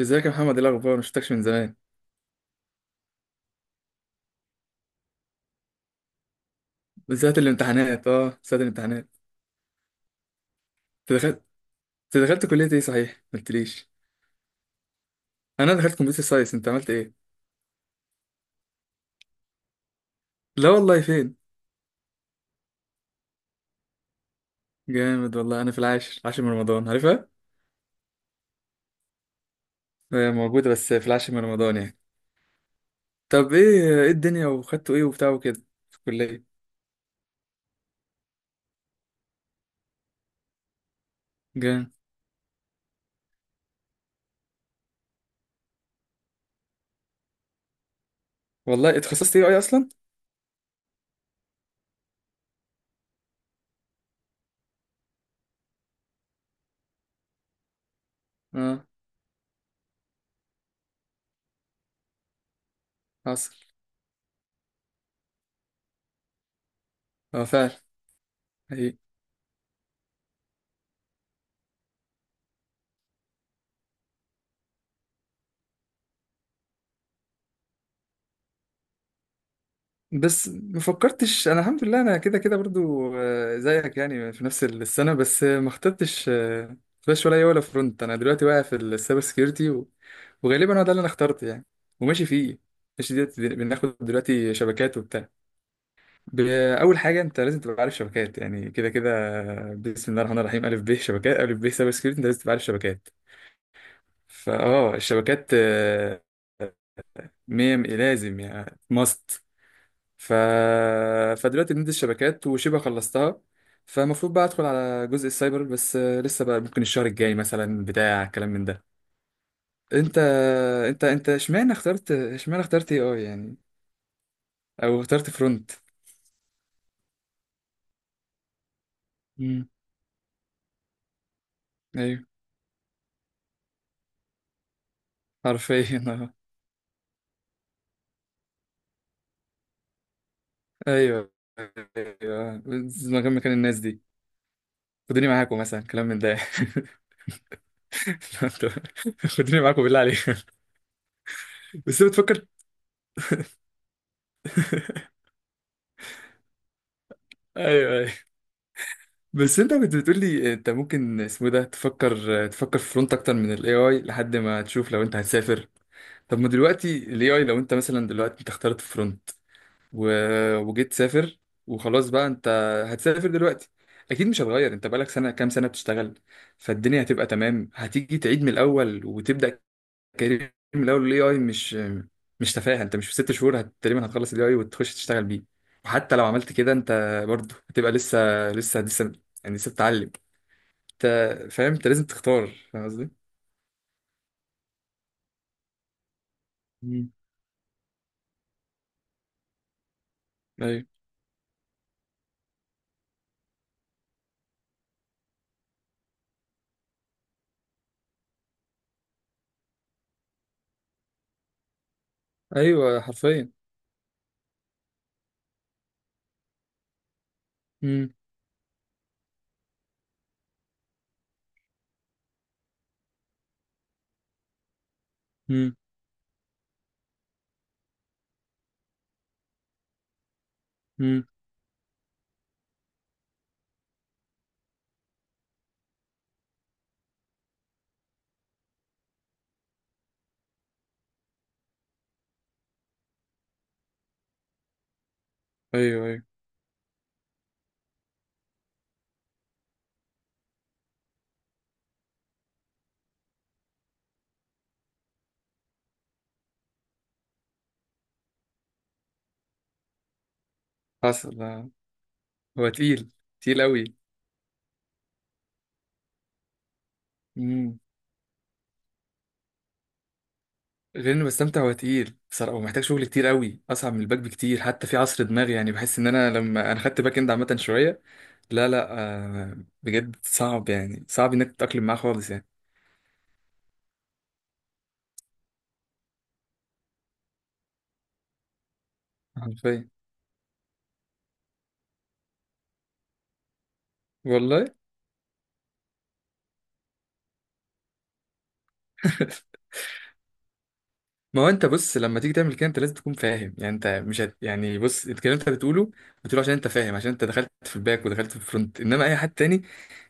ازيك يا محمد؟ ايه الاخبار، ما شفتكش من زمان. بالذات الامتحانات، ساعة الامتحانات. انت دخلت انت دخلت كلية ايه؟ صحيح ما قلتليش. انا دخلت كمبيوتر ساينس، انت عملت ايه؟ لا والله، فين؟ جامد والله. انا في العاشر، عاشر من رمضان، عارفها. آه، موجودة بس في العاشر من رمضان يعني. طب ايه الدنيا، وخدتوا ايه وبتاع وكده في الكلية؟ جامد والله. اتخصصت ايه، اي اصلا؟ اه، حصل. اه، فعلا. بس ما فكرتش. انا الحمد لله، انا كده كده برضو زيك يعني، في نفس السنه، بس ما اخترتش فلاش ولا اي ولا فرونت. انا دلوقتي واقع في السايبر سكيورتي وغالبا هو ده اللي انا اخترته يعني، وماشي فيه. ماشي، دلوقتي بناخد دلوقتي شبكات وبتاع. ب- اول حاجه، انت لازم تبقى عارف شبكات، يعني كده كده. بسم الله الرحمن الرحيم، الف ب شبكات، الف ب سايبر سكيورتي، انت لازم تبقى عارف شبكات. فاه الشبكات مية لازم، يعني ماست. ف... فدلوقتي بندي الشبكات وشبه خلصتها، فالمفروض بقى ادخل على جزء السايبر، بس لسه بقى، ممكن الشهر الجاي مثلا بتاع كلام من ده. انت انت اشمعنى اخترت اي اي يعني، او اخترت فرونت؟ امم ايوه، حرفيا آه. ايوه، ايوه، مكان الناس دي، خدوني معاكم مثلا كلام من ده خدوني معاكم بالله عليك. بس بتفكر. ايوه، بس انت كنت بتقولي انت ممكن اسمه ده، تفكر في فرونت اكتر من الاي اي لحد ما تشوف لو انت هتسافر. طب ما دلوقتي الاي اي، لو انت مثلا دلوقتي انت اخترت فرونت و... وجيت تسافر وخلاص، بقى انت هتسافر دلوقتي. اكيد مش هتغير، انت بقالك سنه، كام سنه بتشتغل. فالدنيا هتبقى تمام، هتيجي تعيد من الاول، وتبدا كارير من الاول. الاي اي مش تفاهه، انت مش في 6 شهور تقريبا هتخلص الاي اي وتخش تشتغل بيه. وحتى لو عملت كده، انت برضه هتبقى لسه، لسه يعني، لسه بتتعلم، انت فاهم؟ انت لازم تختار، فاهم قصدي؟ مم. ايوه. ايوه. حرفيا. امم. امم. امم. ايوه. ايوه. حصل آه. هو تقيل، تقيل قوي. مم. غير انه بستمتع، هو تقيل بصراحه، ومحتاج شغل كتير قوي، اصعب من الباك بكتير. حتى في عصر دماغي يعني، بحس ان انا لما انا خدت باك اند عامه شويه. لا، لا، آه، بجد صعب، يعني صعب انك تتاقلم معاه خالص يعني. حرفيا. والله ما هو انت بص، لما تيجي تعمل كده، انت لازم تكون فاهم. يعني انت مش هت... يعني بص، الكلام اللي انت بتقوله عشان انت فاهم، عشان انت دخلت في الباك ودخلت في الفرونت. انما اي حد تاني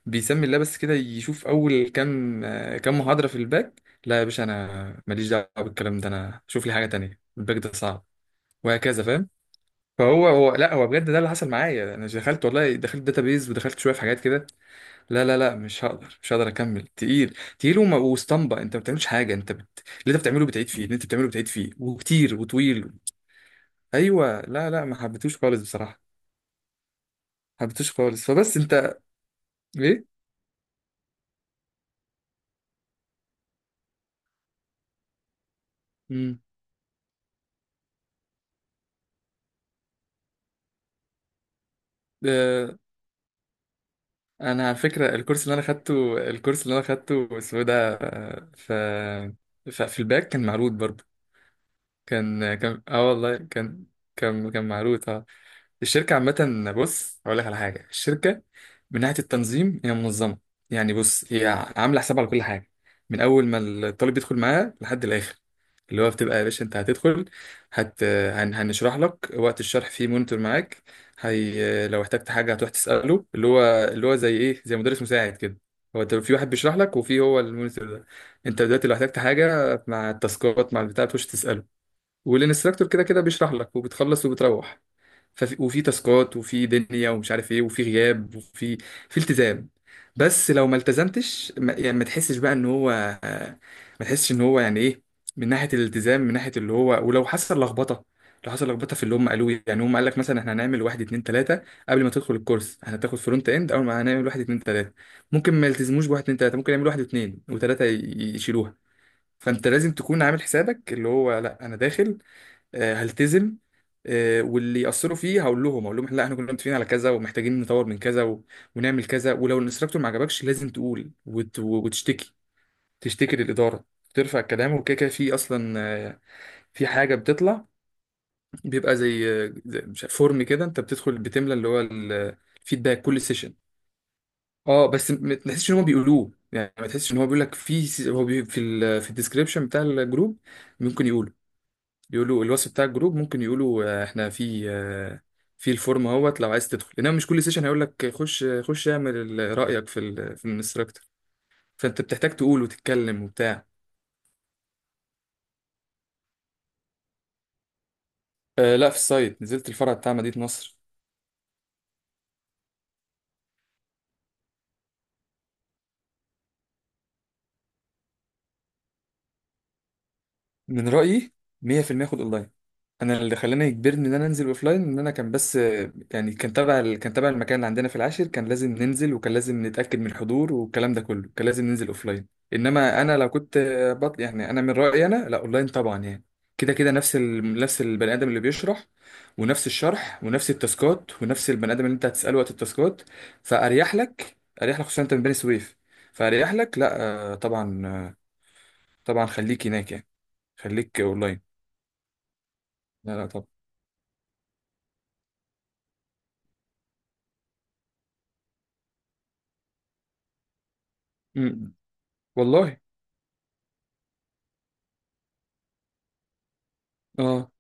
بيسمي الله بس كده، يشوف اول كام كام محاضرة في الباك: لا يا باشا، انا ماليش دعوة بالكلام ده، انا شوف لي حاجة تانية، الباك ده صعب، وهكذا، فاهم؟ فهو لا، هو بجد ده اللي حصل معايا. انا دخلت، والله دخلت داتابيز، ودخلت شوية في حاجات كده. لا، لا، لا، مش هقدر، مش هقدر اكمل، تقيل تقيل، وما واسطمبة. انت ما بتعملش حاجه، اللي انت بتعمله بتعيد فيه، اللي انت بتعمله بتعيد فيه، وكتير وطويل. ايوه. لا، لا، ما حبيتوش خالص بصراحه، ما حبيتوش خالص. فبس انت ايه؟ امم. آه. انا على فكره الكورس اللي انا خدته، اسمه إيه ده. ف في الباك كان معروض برضه. كان، اه والله كان، كان معروض اه. الشركة عامة، بص هقول لك على حاجة. الشركة من ناحية التنظيم هي منظمة. يعني بص، هي عاملة حساب على كل حاجة، من أول ما الطالب يدخل معاها لحد الآخر. اللي هو بتبقى يا باشا، أنت هتدخل، هنشرح لك، وقت الشرح فيه مونيتور معاك. لو احتجت حاجة هتروح تسأله، اللي هو زي إيه زي مدرس مساعد كده. هو أنت في واحد بيشرح لك، وفي هو المونيتور ده. أنت دلوقتي لو احتجت حاجة مع التاسكات مع البتاع، بتخش تسأله. والانستراكتور كده كده بيشرح لك، وبتخلص وبتروح. ففي، وفي تاسكات، وفي دنيا، ومش عارف ايه، وفي غياب، وفي في التزام. بس لو ما التزمتش، ما يعني ما تحسش بقى ان هو، ما تحسش ان هو يعني ايه، من ناحيه الالتزام، من ناحيه اللي هو، ولو حصل لخبطه، لو حصل لخبطه في اللي هم قالوه إيه. يعني هم قال لك مثلا، احنا هنعمل واحد اتنين تلاته. قبل ما تدخل الكورس، احنا هتاخد فرونت اند، اول ما هنعمل واحد اتنين تلاته. ممكن ما يلتزموش بواحد اتنين تلاته، ممكن يعملوا واحد اتنين وتلاته يشيلوها. فانت لازم تكون عامل حسابك اللي هو، لا انا داخل، هلتزم، واللي يأثروا فيه هقول لهم لا، احنا كنا متفقين على كذا، ومحتاجين نطور من كذا ونعمل كذا. ولو الانستراكتور ما عجبكش، لازم تقول وتشتكي، تشتكي للإدارة، ترفع الكلام وكده كده. في اصلا في حاجه بتطلع، بيبقى زي مش عارف، فورم كده، انت بتدخل بتملى اللي هو الفيدباك كل سيشن. اه، بس ما تحسش ان هم بيقولوه يعني، ما تحسش ان هو بيقول لك، في هو في الديسكريبشن بتاع الجروب. ممكن يقول، يقولوا الوصف بتاع الجروب، ممكن يقولوا احنا في في الفورم اهوت لو عايز تدخل. انما مش كل سيشن هيقول لك خش خش اعمل رايك في في الانستراكتور. فانت بتحتاج تقول وتتكلم وبتاع. آه لا، في السايت، نزلت الفرع بتاع مدينه نصر. من رأيي 100% خد اونلاين. انا اللي خلاني يجبرني ان انا انزل اوفلاين، ان انا كان بس يعني، كان تبع كان تبع المكان اللي عندنا في العاشر، كان لازم ننزل، وكان لازم نتأكد من الحضور، والكلام ده كله كان لازم ننزل اوفلاين. انما انا لو كنت يعني انا من رأيي انا، لا اونلاين طبعا يعني. كده كده نفس نفس البني ادم اللي بيشرح، ونفس الشرح، ونفس التاسكات، ونفس البني ادم اللي انت هتسأله وقت التاسكات. فاريح لك اريح لك، خصوصا انت من بني سويف، فاريح لك. لا طبعا طبعا، خليك هناك يعني، خليك اونلاين. لا، لا. طب. امم. والله. اه.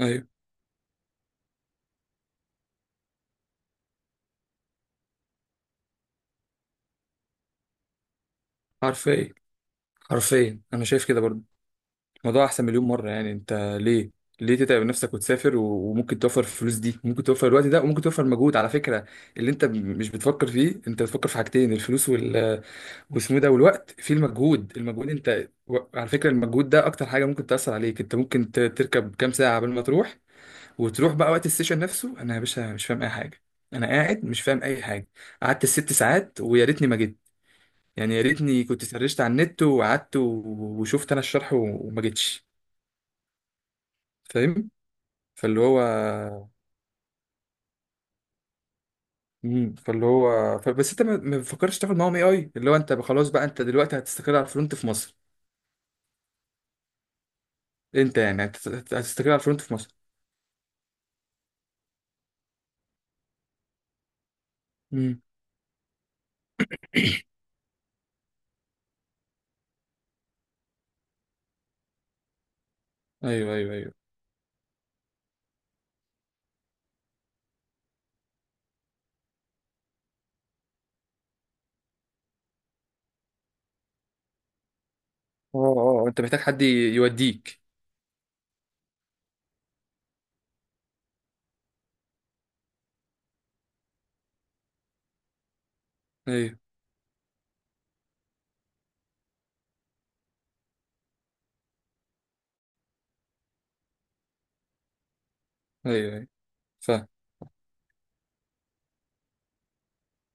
ايوه. حرفيا حرفيا انا شايف كده برضه، الموضوع احسن مليون مره يعني. انت ليه ليه تتعب نفسك وتسافر وممكن توفر الفلوس دي، ممكن توفر الوقت ده، وممكن توفر مجهود على فكره اللي انت مش بتفكر فيه. انت بتفكر في حاجتين، الفلوس واسمه إيه ده، والوقت، في المجهود. المجهود، انت على فكره المجهود ده اكتر حاجه ممكن تاثر عليك. انت ممكن تركب كام ساعه قبل ما تروح، وتروح بقى وقت السيشن نفسه: انا يا باشا مش فاهم اي حاجه، انا قاعد مش فاهم اي حاجه. قعدت الـ6 ساعات، ويا ريتني ما جيت. يعني يا ريتني كنت سرشت على النت وقعدت وشفت انا الشرح وما جيتش، فاهم؟ فاللي هو فاللي هو بس انت ما بتفكرش تاخد معاهم اي اي، اللي هو انت خلاص بقى، انت دلوقتي هتستقر على الفرونت في مصر. انت يعني هتستقر على الفرونت في مصر. مم. ايوه، ايوه، ايوه. اه، اه، أه. انت محتاج حد يوديك. ايوه، ايوه، ايوه. فاهم.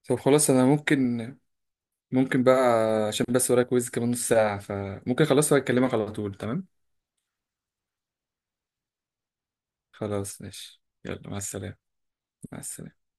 طب خلاص، انا ممكن بقى، عشان بس ورايا كويز كمان نص ساعة، فممكن خلاص واكلمك على طول، تمام. خلاص، ماشي، يلا، مع السلامة. مع السلامة.